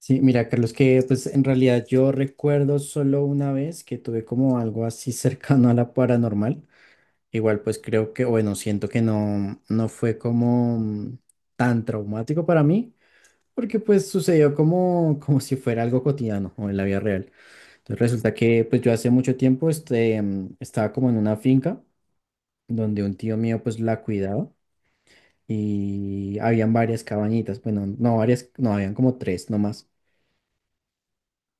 Sí, mira, Carlos, que pues en realidad yo recuerdo solo una vez que tuve como algo así cercano a la paranormal. Igual pues creo que, bueno, siento que no, no fue como tan traumático para mí, porque pues sucedió como, como si fuera algo cotidiano o en la vida real. Entonces resulta que pues yo hace mucho tiempo estaba como en una finca donde un tío mío pues la cuidaba y habían varias cabañitas, bueno, no varias, no, habían como tres nomás.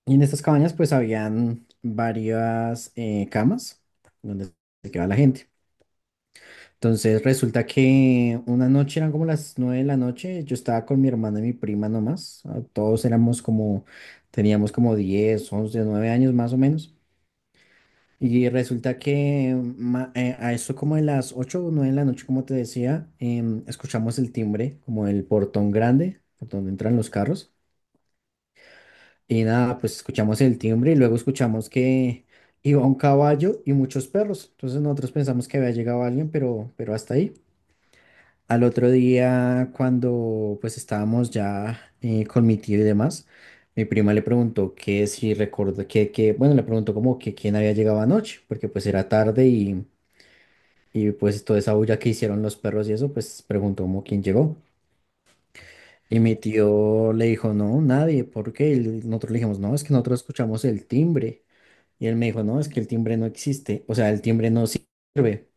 Y en estas cabañas pues habían varias camas donde se quedaba la gente. Entonces resulta que una noche eran como las 9 de la noche, yo estaba con mi hermana y mi prima nomás, todos éramos como, teníamos como 10 11 9 años más o menos. Y resulta que a eso como de las 8 o 9 de la noche, como te decía, escuchamos el timbre, como el portón grande, por donde entran los carros. Y nada, pues escuchamos el timbre y luego escuchamos que iba un caballo y muchos perros. Entonces nosotros pensamos que había llegado alguien, pero hasta ahí. Al otro día, cuando pues estábamos ya con mi tío y demás, mi prima le preguntó que si recuerdo que, bueno, le preguntó como que quién había llegado anoche, porque pues era tarde y pues toda esa bulla que hicieron los perros y eso, pues preguntó como quién llegó. Y mi tío le dijo, no, nadie, porque nosotros le dijimos, no, es que nosotros escuchamos el timbre. Y él me dijo, no, es que el timbre no existe, o sea, el timbre no sirve.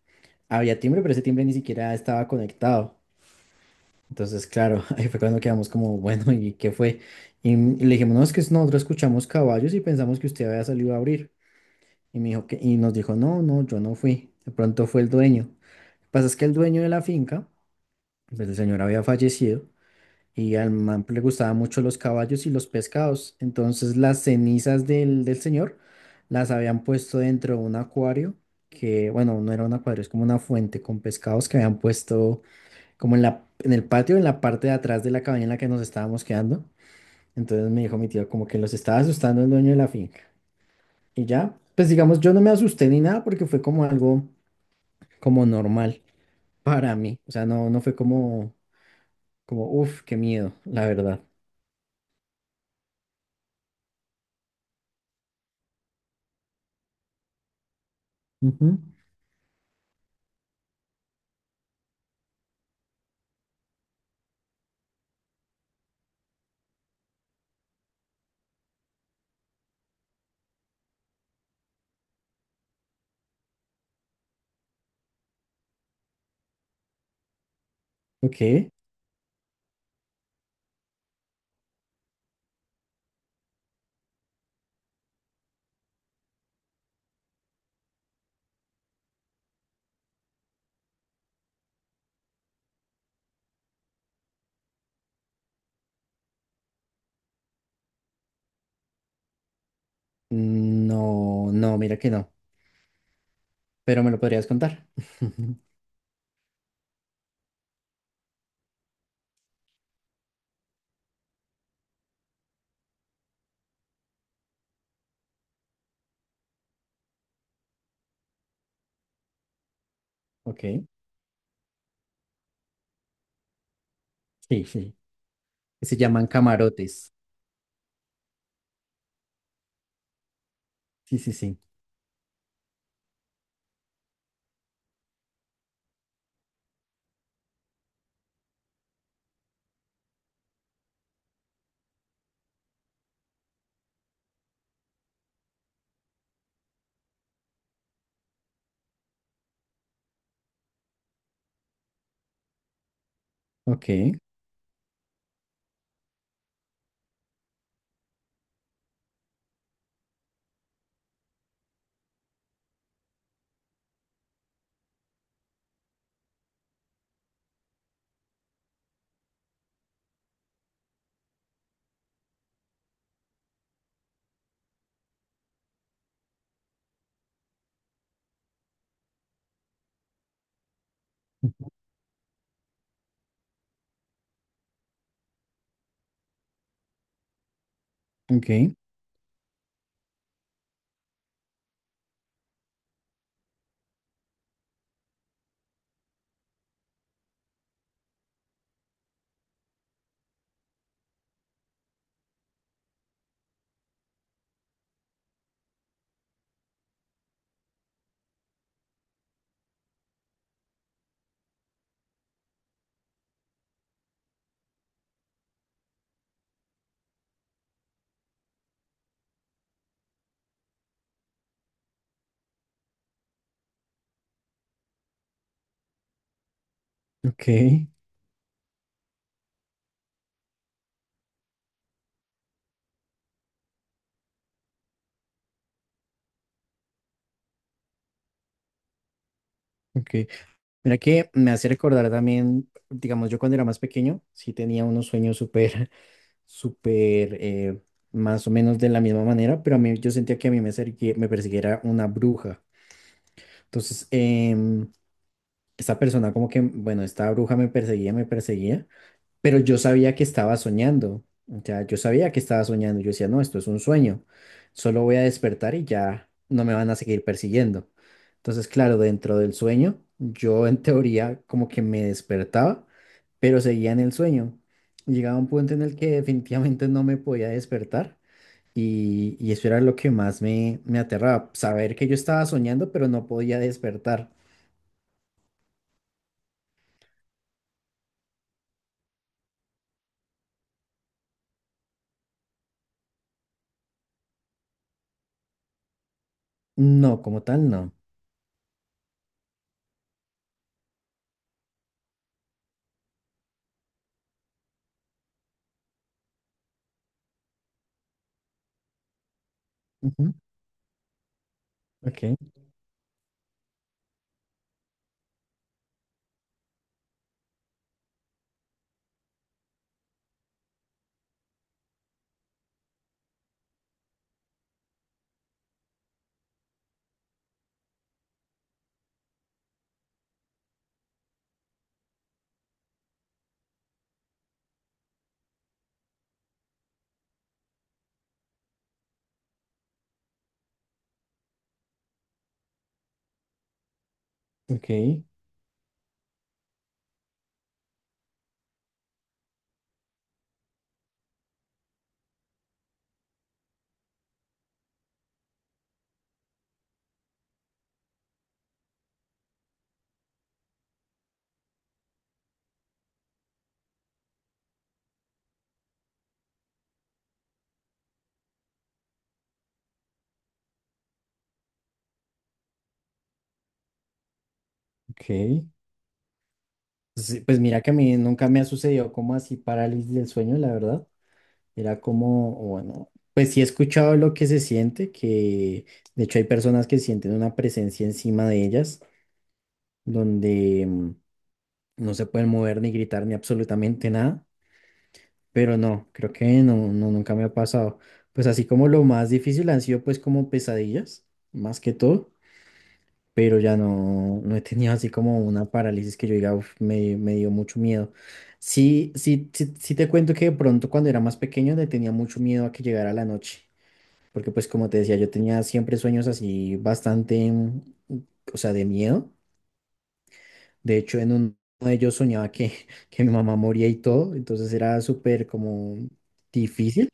Había timbre, pero ese timbre ni siquiera estaba conectado. Entonces, claro, ahí fue cuando quedamos como, bueno, ¿y qué fue? Y le dijimos, no, es que nosotros escuchamos caballos y pensamos que usted había salido a abrir. Y nos dijo, no, no, yo no fui. De pronto fue el dueño. Lo que pasa es que el dueño de la finca, pues el señor había fallecido y al man le gustaban mucho los caballos y los pescados. Entonces las cenizas del señor las habían puesto dentro de un acuario, que bueno, no era un acuario, es como una fuente con pescados que habían puesto como en la, en el patio, en la parte de atrás de la cabaña en la que nos estábamos quedando. Entonces me dijo mi tío como que los estaba asustando el dueño de la finca. Y ya, pues digamos, yo no me asusté ni nada porque fue como algo como normal para mí. O sea, no, no fue como, uff, qué miedo, la verdad. Ujú. Ok. No, no, mira que no, pero me lo podrías contar. Ok, sí, sí. Se llaman camarotes. Sí, sí, sí. Ok, ok, ok, ok. Mira que me hace recordar también, digamos, yo cuando era más pequeño, sí tenía unos sueños súper, súper, más o menos de la misma manera, pero a mí yo sentía que a mí me persiguiera una bruja. Entonces, esta persona como que, bueno, esta bruja me perseguía, me perseguía. Pero yo sabía que estaba soñando. O sea, yo sabía que estaba soñando. Yo decía, no, esto es un sueño. Solo voy a despertar y ya no me van a seguir persiguiendo. Entonces, claro, dentro del sueño, yo en teoría como que me despertaba, pero seguía en el sueño. Llegaba un punto en el que definitivamente no me podía despertar y eso era lo que más me aterraba, saber que yo estaba soñando, pero no podía despertar. No, como tal, no. Ujú, ok, ok, ok. Sí, pues mira que a mí nunca me ha sucedido como así parálisis del sueño, la verdad. Era como, bueno, pues sí he escuchado lo que se siente, que de hecho hay personas que sienten una presencia encima de ellas, donde no se pueden mover ni gritar ni absolutamente nada, pero no, creo que no, no, nunca me ha pasado. Pues así como lo más difícil han sido pues como pesadillas, más que todo. Pero ya no, no he tenido así como una parálisis que yo diga, "Uf, me dio mucho miedo." Sí, sí, sí, sí te cuento que de pronto cuando era más pequeño le tenía mucho miedo a que llegara la noche, porque pues como te decía, yo tenía siempre sueños así bastante, o sea, de miedo. De hecho, en uno de ellos soñaba que, que mi mamá moría y todo, entonces era súper como difícil.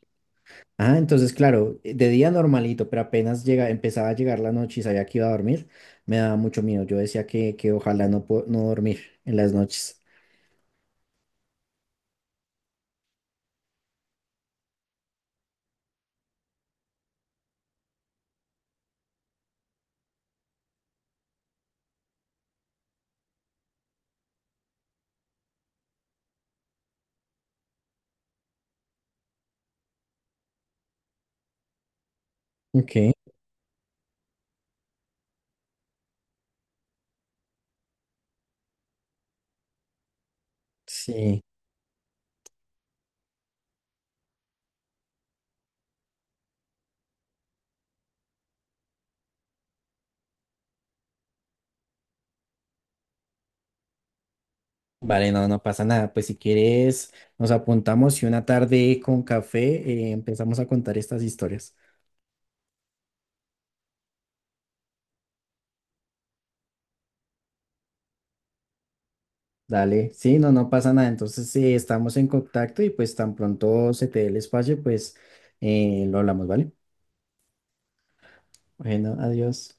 Ah, entonces, claro, de día normalito, pero apenas llega, empezaba a llegar la noche y sabía que iba a dormir, me daba mucho miedo. Yo decía que, ojalá no dormir en las noches. Ok, sí. Vale, no, no pasa nada. Pues si quieres, nos apuntamos y una tarde con café empezamos a contar estas historias. Dale, sí, no, no pasa nada. Entonces, estamos en contacto y pues tan pronto se te dé el espacio, pues lo hablamos, ¿vale? Bueno, adiós.